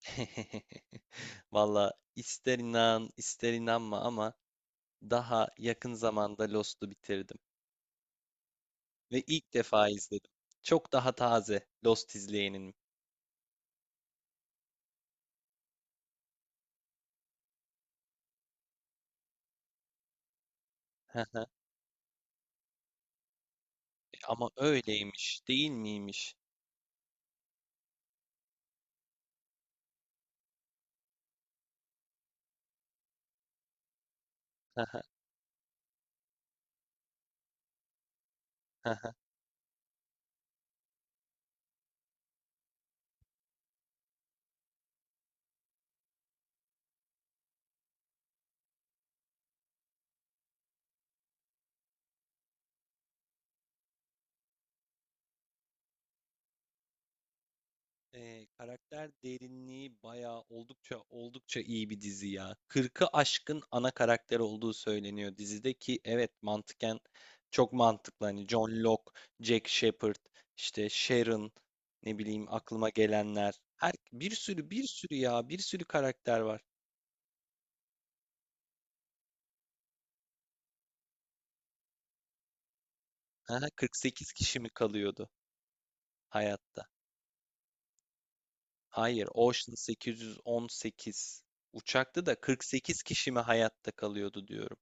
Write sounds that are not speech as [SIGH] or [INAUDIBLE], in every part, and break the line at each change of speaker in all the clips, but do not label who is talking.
[LAUGHS] Valla ister inan ister inanma ama daha yakın zamanda Lost'u bitirdim. Ve ilk defa izledim. Çok daha taze Lost izleyenim. [LAUGHS] Ama öyleymiş değil miymiş? [LAUGHS] Karakter derinliği bayağı oldukça iyi bir dizi ya. 40'ı aşkın ana karakter olduğu söyleniyor dizide ki evet mantıken çok mantıklı. Hani John Locke, Jack Shepherd, işte Sharon, ne bileyim, aklıma gelenler. Her, bir sürü ya, bir sürü karakter var. Aha, 48 kişi mi kalıyordu hayatta? Hayır, Ocean 818 uçakta da 48 kişi mi hayatta kalıyordu diyorum.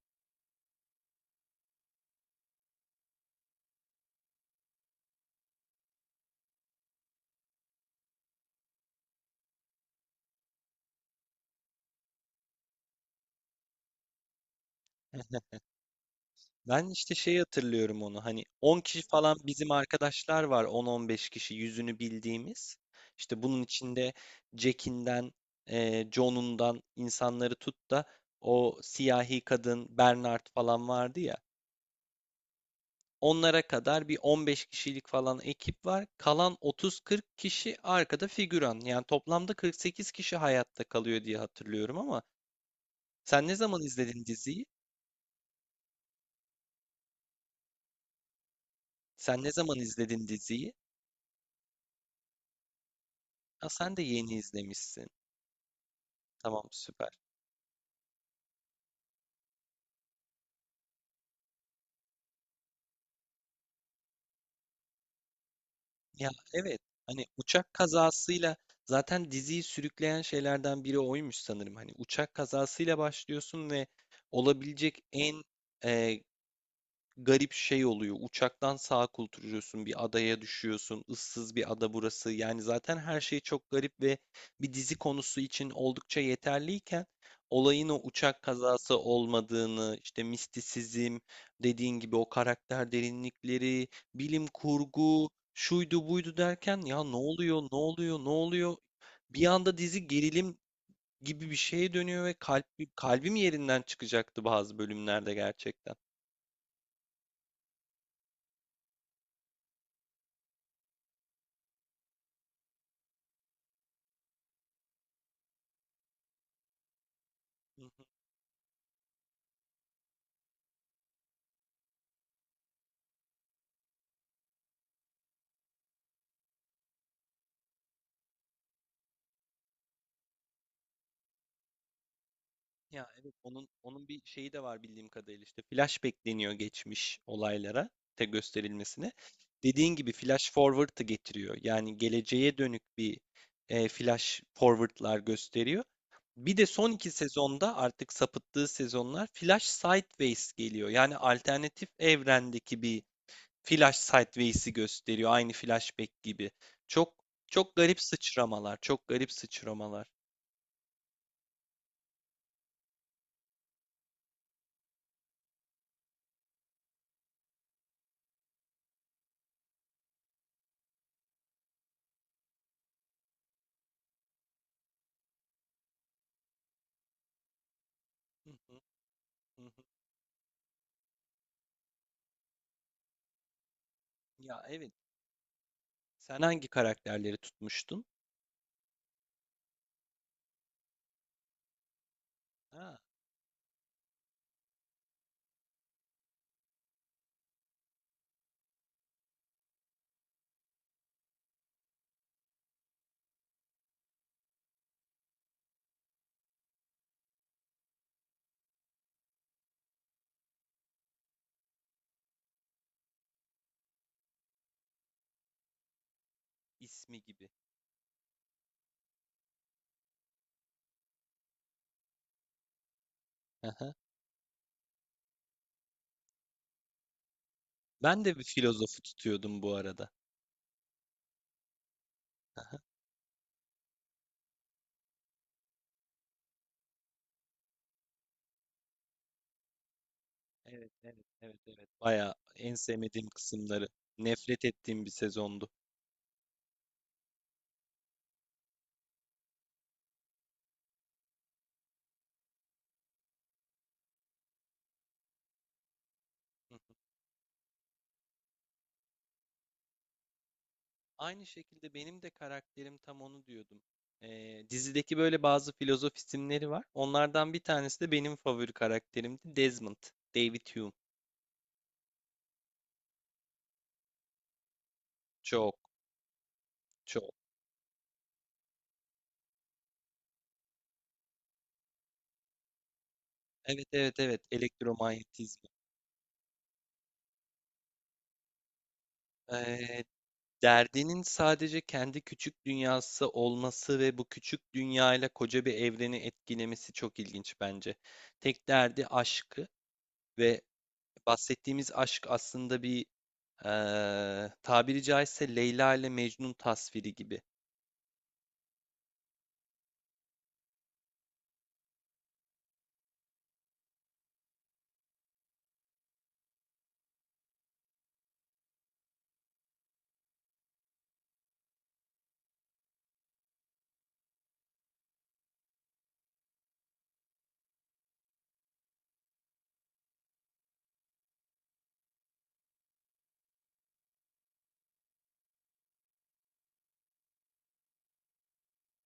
Ben işte şey hatırlıyorum onu, hani 10 kişi falan bizim arkadaşlar var, 10-15 kişi yüzünü bildiğimiz. İşte bunun içinde Jack'inden, John'undan insanları tut da o siyahi kadın Bernard falan vardı ya. Onlara kadar bir 15 kişilik falan ekip var. Kalan 30-40 kişi arkada figüran. Yani toplamda 48 kişi hayatta kalıyor diye hatırlıyorum ama sen ne zaman izledin diziyi? Sen ne zaman izledin diziyi? Ha, sen de yeni izlemişsin. Tamam, süper. Ya evet, hani uçak kazasıyla zaten diziyi sürükleyen şeylerden biri oymuş sanırım. Hani uçak kazasıyla başlıyorsun ve olabilecek en garip şey oluyor. Uçaktan sağa kulturuyorsun, bir adaya düşüyorsun. Issız bir ada burası. Yani zaten her şey çok garip ve bir dizi konusu için oldukça yeterliyken olayın o uçak kazası olmadığını, işte mistisizm, dediğin gibi o karakter derinlikleri, bilim kurgu, şuydu buydu derken ya ne oluyor, ne oluyor, ne oluyor? Bir anda dizi gerilim gibi bir şeye dönüyor ve kalp, kalbim yerinden çıkacaktı bazı bölümlerde gerçekten. Hı hı. Ya evet, onun bir şeyi de var bildiğim kadarıyla, işte flash bekleniyor geçmiş olaylara te gösterilmesine. Dediğin gibi flash forwardı getiriyor. Yani geleceğe dönük bir flash forward'lar gösteriyor. Bir de son iki sezonda artık sapıttığı sezonlar flash sideways geliyor. Yani alternatif evrendeki bir flash sideways'i gösteriyor. Aynı flashback gibi. Çok çok garip sıçramalar, çok garip sıçramalar. Hı hı, hı hı. Ya evet. Sen hangi karakterleri tutmuştun? Ha, ismi gibi. Aha. Ben de bir filozofu tutuyordum bu arada. Aha. Evet, evet, evet, evet. Bayağı en sevmediğim kısımları, nefret ettiğim bir sezondu. Hı hı. Aynı şekilde benim de karakterim tam onu diyordum. Dizideki böyle bazı filozof isimleri var. Onlardan bir tanesi de benim favori karakterimdi. Desmond, David Hume. Çok, çok. Evet, evet, evet. Elektromanyetizma. Ee, Derdinin sadece kendi küçük dünyası olması ve bu küçük dünyayla koca bir evreni etkilemesi çok ilginç bence. Tek derdi aşkı ve bahsettiğimiz aşk aslında bir tabiri caizse Leyla ile Mecnun tasviri gibi.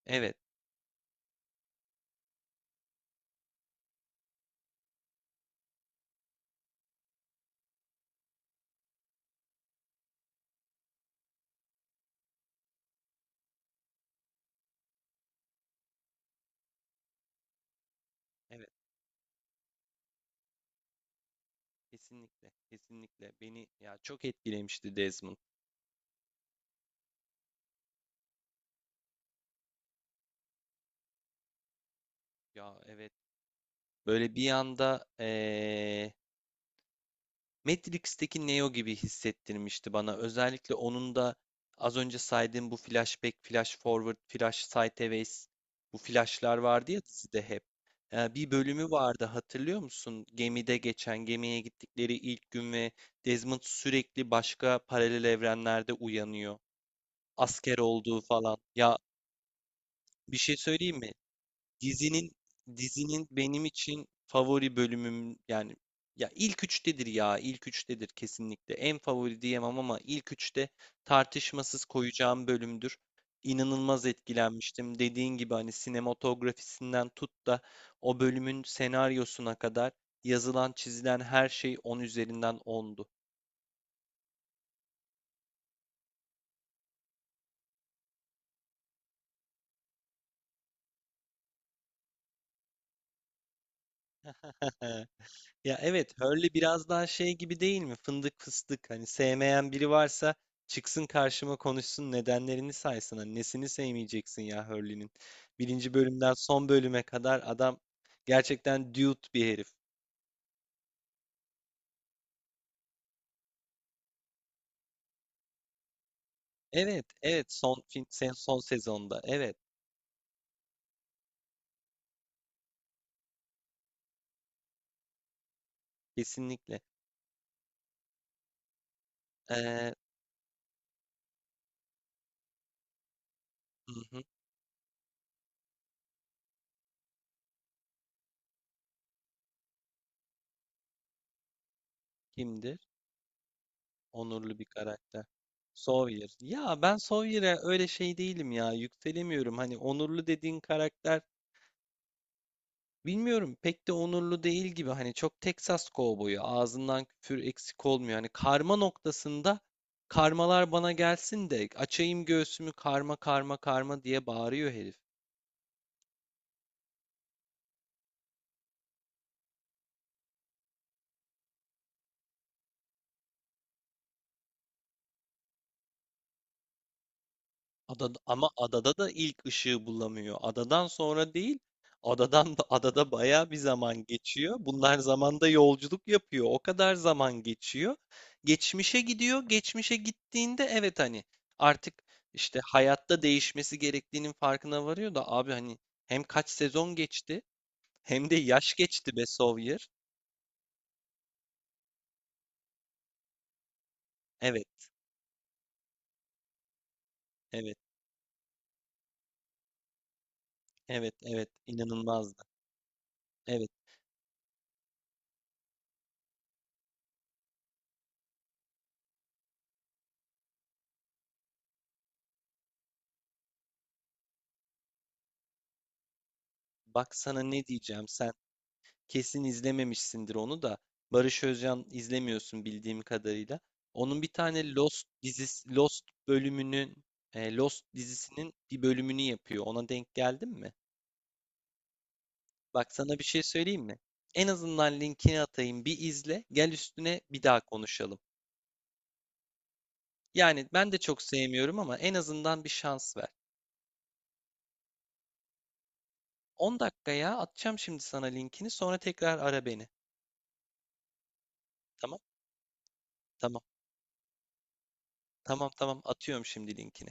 Evet, evet, kesinlikle, kesinlikle. Beni ya çok etkilemişti Desmond. Ya evet, böyle bir anda Matrix'teki Neo gibi hissettirmişti bana. Özellikle onun da az önce saydığım bu flashback, flash forward, flash sideways, bu flashlar vardı ya dizide hep. Bir bölümü vardı, hatırlıyor musun? Gemide geçen, gemiye gittikleri ilk gün ve Desmond sürekli başka paralel evrenlerde uyanıyor. Asker olduğu falan. Ya, bir şey söyleyeyim mi? Dizinin dizinin benim için favori bölümüm yani ya ilk üçtedir kesinlikle. En favori diyemem ama ilk üçte tartışmasız koyacağım bölümdür. İnanılmaz etkilenmiştim. Dediğin gibi hani sinematografisinden tut da o bölümün senaryosuna kadar yazılan çizilen her şey 10 üzerinden ondu. [LAUGHS] Ya evet, Hurley biraz daha şey gibi değil mi? Fındık fıstık. Hani sevmeyen biri varsa çıksın karşıma, konuşsun, nedenlerini saysın. Hani nesini sevmeyeceksin ya Hurley'nin. Birinci bölümden son bölüme kadar adam gerçekten dude bir herif. Evet, evet son fin, sen son sezonda. Evet, kesinlikle. Ee, hı hı, kimdir? Onurlu bir karakter. Sawyer. Ya ben Sawyer'e öyle şey değilim ya. Yükselemiyorum. Hani onurlu dediğin karakter, bilmiyorum, pek de onurlu değil gibi, hani çok Texas kovboyu, ağzından küfür eksik olmuyor. Hani karma noktasında karmalar bana gelsin de açayım göğsümü, karma karma karma diye bağırıyor herif. Adada, ama adada da ilk ışığı bulamıyor. Adadan sonra değil, adadan da adada bayağı bir zaman geçiyor. Bunlar zamanda yolculuk yapıyor. O kadar zaman geçiyor. Geçmişe gidiyor. Geçmişe gittiğinde evet, hani artık işte hayatta değişmesi gerektiğinin farkına varıyor da abi hani hem kaç sezon geçti hem de yaş geçti be Sawyer. Evet, evet, evet, evet. inanılmazdı. Evet. Bak sana ne diyeceğim sen. Kesin izlememişsindir onu da. Barış Özcan izlemiyorsun bildiğim kadarıyla. Onun bir tane Lost dizisi, Lost bölümünün, Lost dizisinin bir bölümünü yapıyor. Ona denk geldin mi? Bak sana bir şey söyleyeyim mi? En azından linkini atayım, bir izle. Gel üstüne bir daha konuşalım. Yani ben de çok sevmiyorum ama en azından bir şans ver. 10 dakikaya atacağım şimdi sana linkini. Sonra tekrar ara beni. Tamam? Tamam. Tamam, atıyorum şimdi linkini.